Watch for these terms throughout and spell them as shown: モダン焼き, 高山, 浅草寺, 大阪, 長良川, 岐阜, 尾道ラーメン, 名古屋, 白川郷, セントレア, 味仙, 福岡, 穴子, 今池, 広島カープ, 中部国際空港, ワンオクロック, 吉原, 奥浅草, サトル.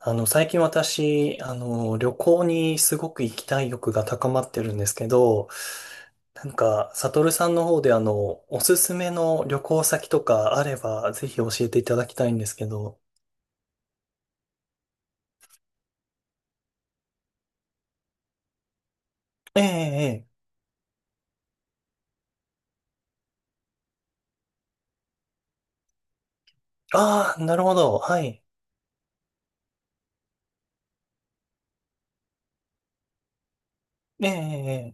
最近私、旅行にすごく行きたい欲が高まってるんですけど、なんか、サトルさんの方でおすすめの旅行先とかあれば、ぜひ教えていただきたいんですけど。ええ、ええ。ああ、なるほど。はい。ええ、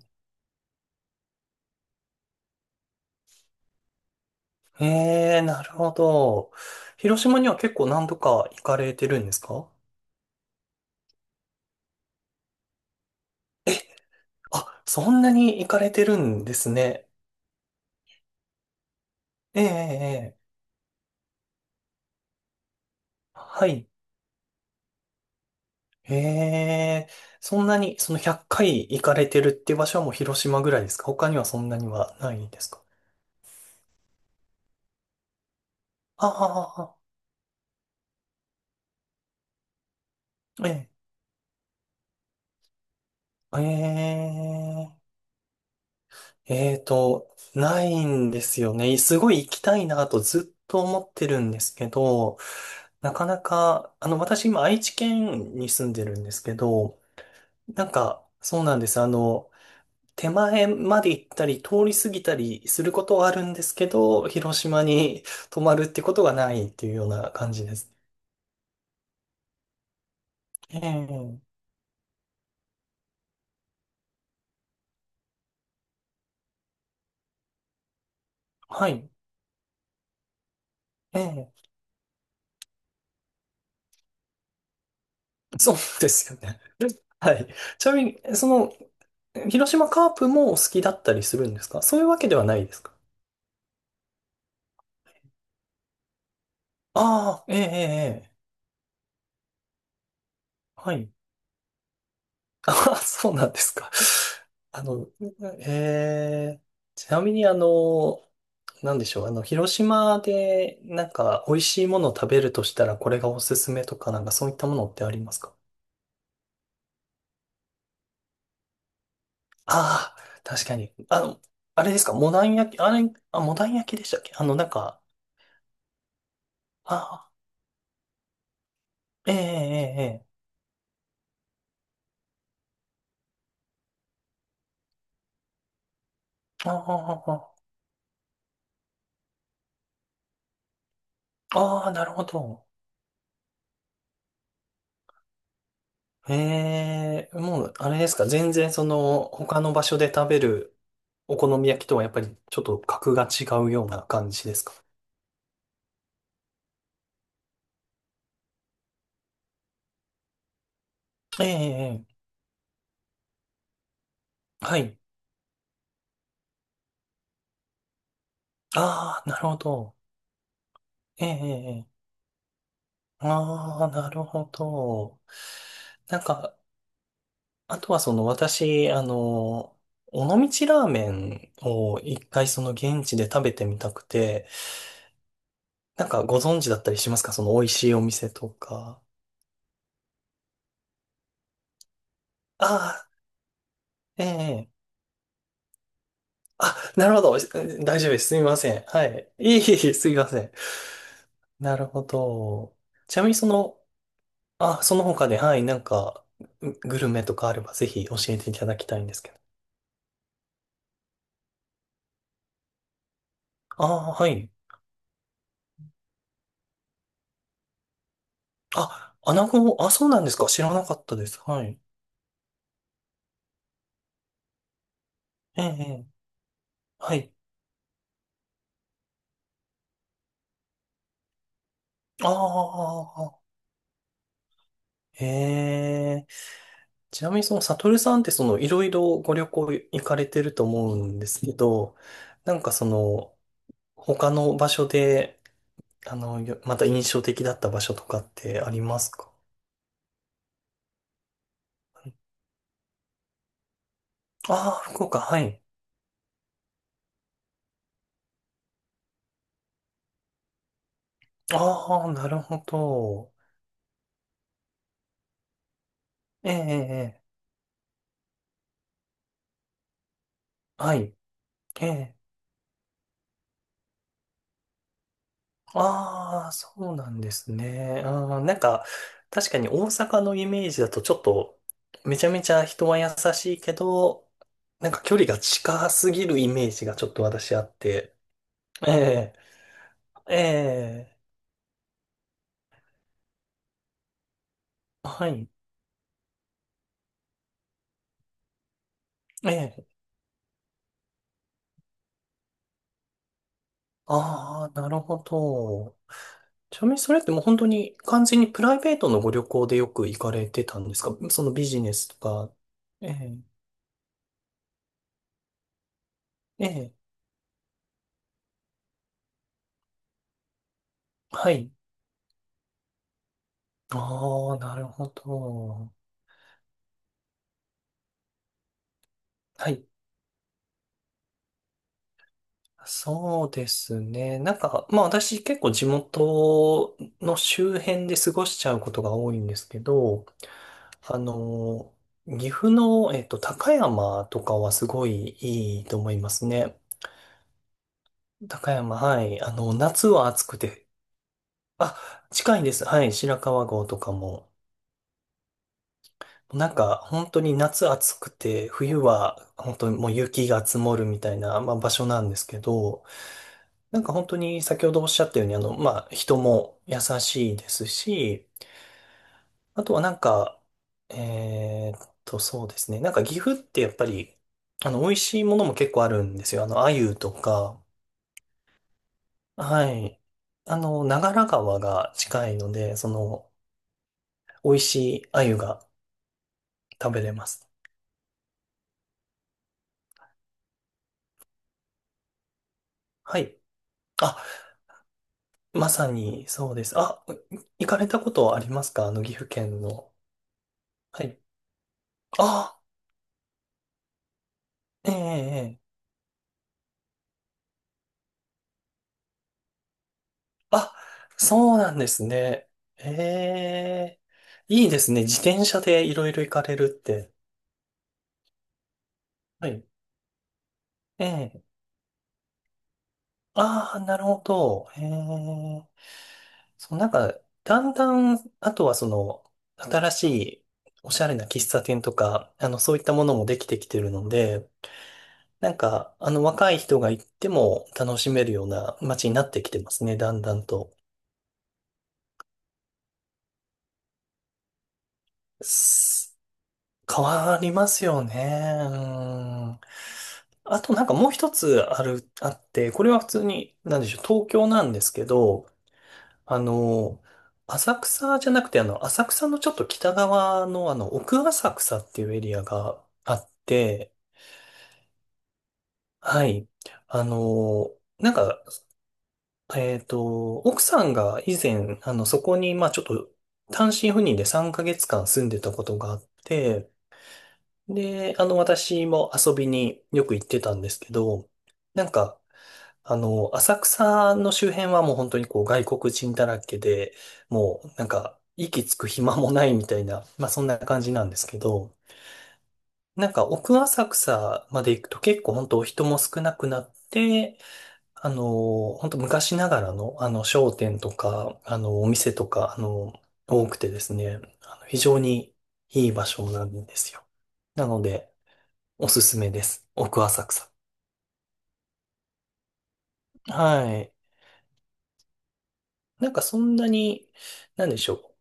ええ。ええ、なるほど。広島には結構何度か行かれてるんですか？あ、そんなに行かれてるんですね。ええ、ええ。ええ、はい。へえ、そんなに、その100回行かれてるって場所はもう広島ぐらいですか？他にはそんなにはないですか？ああ、ええ、ええ、ないんですよね。すごい行きたいなとずっと思ってるんですけど、なかなか、私今愛知県に住んでるんですけど、なんか、そうなんです。手前まで行ったり、通り過ぎたりすることはあるんですけど、広島に泊まるってことがないっていうような感じです。ええ、はい。ええ、そうですよね。はい。ちなみに、その、広島カープもお好きだったりするんですか？そういうわけではないですか？ああ、ええ、ええ、ええ、はい。あ、そうなんですか。あの、えー、ちなみになんでしょう、広島でなんか美味しいものを食べるとしたらこれがおすすめとかなんかそういったものってありますか？ああ、確かに。あれですか、モダン焼き、あれ、あ、モダン焼きでしたっけ？なんか、ああ、ええええええ、ああ、あーあ、なるほど。ええ、もう、あれですか、全然その、他の場所で食べるお好み焼きとはやっぱりちょっと格が違うような感じですか？ええ、ええ、はい。ああ、なるほど。ええ、ええ、ええ、ああ、なるほど。なんか、あとはその私、尾道ラーメンを一回その現地で食べてみたくて、なんかご存知だったりしますか、その美味しいお店とか？ああ、ええ、ええ、あ、なるほど。大丈夫です。すみません。はい。いえいえいえ、すみません。なるほど。ちなみにその、あ、その他で、はい、なんか、ググルメとかあればぜひ教えていただきたいんですけど。ああ、はい。あ、穴子、あ、そうなんですか。知らなかったです。はい。ええ、ええ、はい。ああ、へえ。ちなみにその、サトルさんってその、いろいろご旅行行かれてると思うんですけど、なんかその、他の場所で、また印象的だった場所とかってありますか？ああー、福岡、はい。ああ、なるほど。ええ、ええ、ええ、はい。ええ。ああ、そうなんですね。なんか、確かに大阪のイメージだとちょっと、めちゃめちゃ人は優しいけど、なんか距離が近すぎるイメージがちょっと私あって。ええ、ええ、はい。ええ。ああ、なるほど。ちなみにそれってもう本当に完全にプライベートのご旅行でよく行かれてたんですか？そのビジネスとか。ええ、ええ、はい。ああ、なるほど。はい、そうですね。なんか、まあ私結構地元の周辺で過ごしちゃうことが多いんですけど、あの、岐阜の、高山とかはすごいいいと思いますね。高山、はい。夏は暑くて、あ、近いです。はい。白川郷とかも。なんか、本当に夏暑くて、冬は本当にもう雪が積もるみたいな、まあ、場所なんですけど、なんか本当に先ほどおっしゃったように、まあ、人も優しいですし、あとはなんか、そうですね。なんか岐阜ってやっぱり、美味しいものも結構あるんですよ。鮎とか、はい。長良川が近いので、その、美味しい鮎が食べれます。はい。あ、まさにそうです。あ、行かれたことはありますか？岐阜県の。はい。あ、ええええ、あ、そうなんですね。ええ、いいですね。自転車でいろいろ行かれるって。はい。ええ。ああ、なるほど。ええ。そう、なんか、だんだん、あとはその、新しいおしゃれな喫茶店とか、そういったものもできてきてるので、なんか、若い人が行っても楽しめるような街になってきてますね、だんだんと。す変わりますよね。うん。あとなんかもう一つあって、これは普通に、なんでしょう、東京なんですけど、あの、浅草じゃなくて、浅草のちょっと北側の、奥浅草っていうエリアがあって、はい。なんか、奥さんが以前、そこに、まあちょっと、単身赴任で3ヶ月間住んでたことがあって、で、私も遊びによく行ってたんですけど、なんか、浅草の周辺はもう本当にこう外国人だらけで、もうなんか息つく暇もないみたいな、まあそんな感じなんですけど、なんか奥浅草まで行くと結構本当人も少なくなって、本当昔ながらのあの商店とか、あのお店とか、多くてですね、非常にいい場所なんですよ。なので、おすすめです。奥浅草。はい。なんかそんなに、なんでしょう。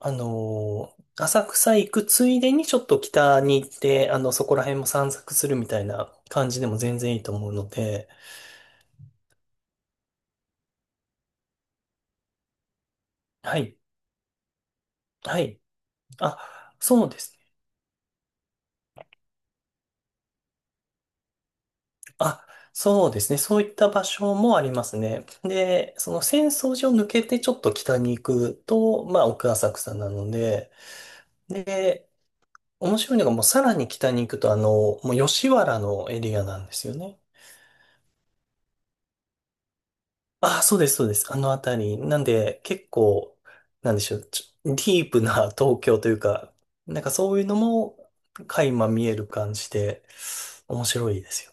浅草行くついでにちょっと北に行って、そこら辺も散策するみたいな感じでも全然いいと思うので、はい、はい。あ、そうですね。あ、そうですね。そういった場所もありますね。で、その浅草寺を抜けてちょっと北に行くと、まあ、奥浅草なので、で、面白いのがもうさらに北に行くと、もう吉原のエリアなんですよね。あ、そうです、そうです。あのあたり。なんで、結構、なんでしょう。ディープな東京というか、なんかそういうのも垣間見える感じで、面白いですよ。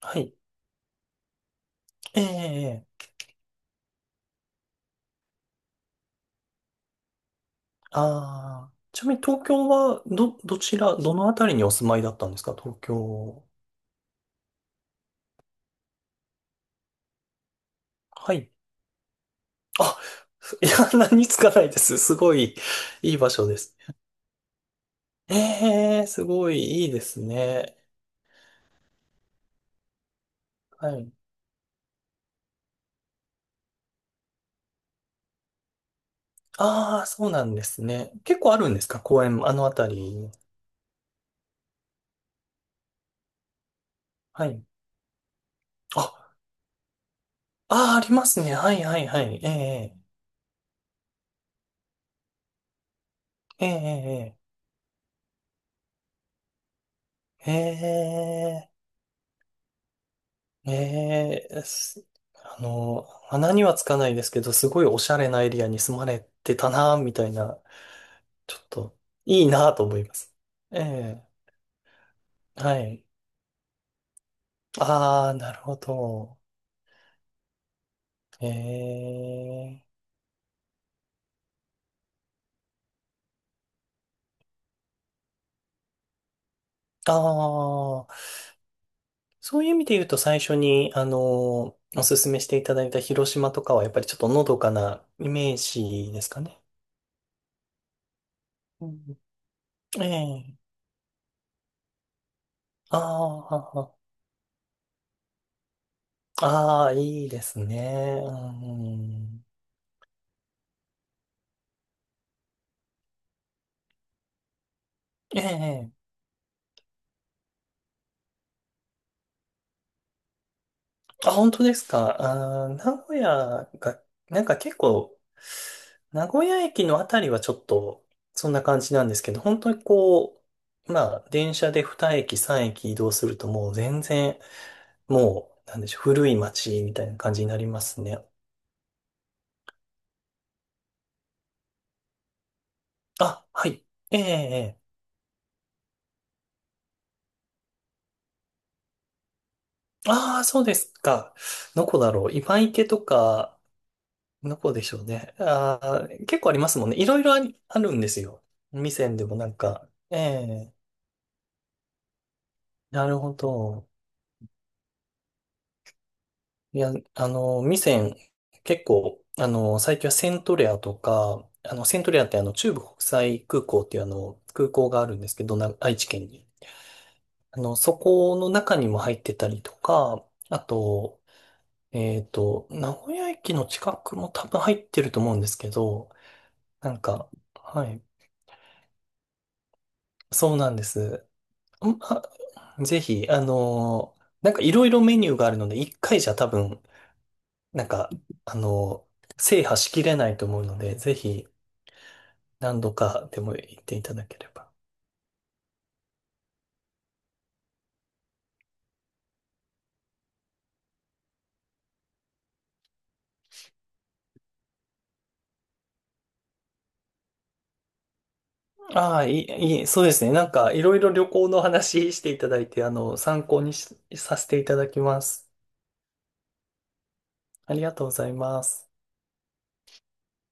はい。ええええ、ああー、ちなみに東京は、どちら、どのあたりにお住まいだったんですか、東京？はい。あ、いや、何つかないです。すごい、いい場所です。ええ、すごいいいですね。はい。ああ、そうなんですね。結構あるんですか、公園、あのあたり？はい。あ、ああ、ありますね。はい、はい、はい。ええ、ええ、ええ、ええ、ええ、ええ。穴にはつかないですけど、すごいおしゃれなエリアに住まれてたな、みたいな、ちょっと、いいなと思います。ええ、はい。ああ、なるほど。ええ、ああ。そういう意味で言うと最初に、おすすめしていただいた広島とかはやっぱりちょっとのどかなイメージですかね。うん、ええ。ああ、ああ、いいですね。うん、ええ。あ、本当ですか。名古屋が、なんか結構、名古屋駅のあたりはちょっと、そんな感じなんですけど、本当にこう、まあ、電車で2駅、3駅移動するともう全然、もう、なんでしょう、古い町みたいな感じになりますね。あ、はい。ええ、ええ。ああ、そうですか。どこだろう。今池とか、どこでしょうね。ああ、結構ありますもんね。いろいろあるんですよ。味仙でもなんか。ええ、なるほど。いや、味仙、結構、最近はセントレアとか、セントレアって中部国際空港っていう空港があるんですけど、愛知県に。そこの中にも入ってたりとか、あと、名古屋駅の近くも多分入ってると思うんですけど、なんか、はい、そうなんです。んあ、ぜひ、なんかいろいろメニューがあるので、一回じゃ多分、なんか、あの制覇しきれないと思うので、ぜひ何度かでも行っていただければ。ああ、いい、いい、そうですね。なんかいろいろ旅行の話していただいて、参考にしさせていただきます。ありがとうございます。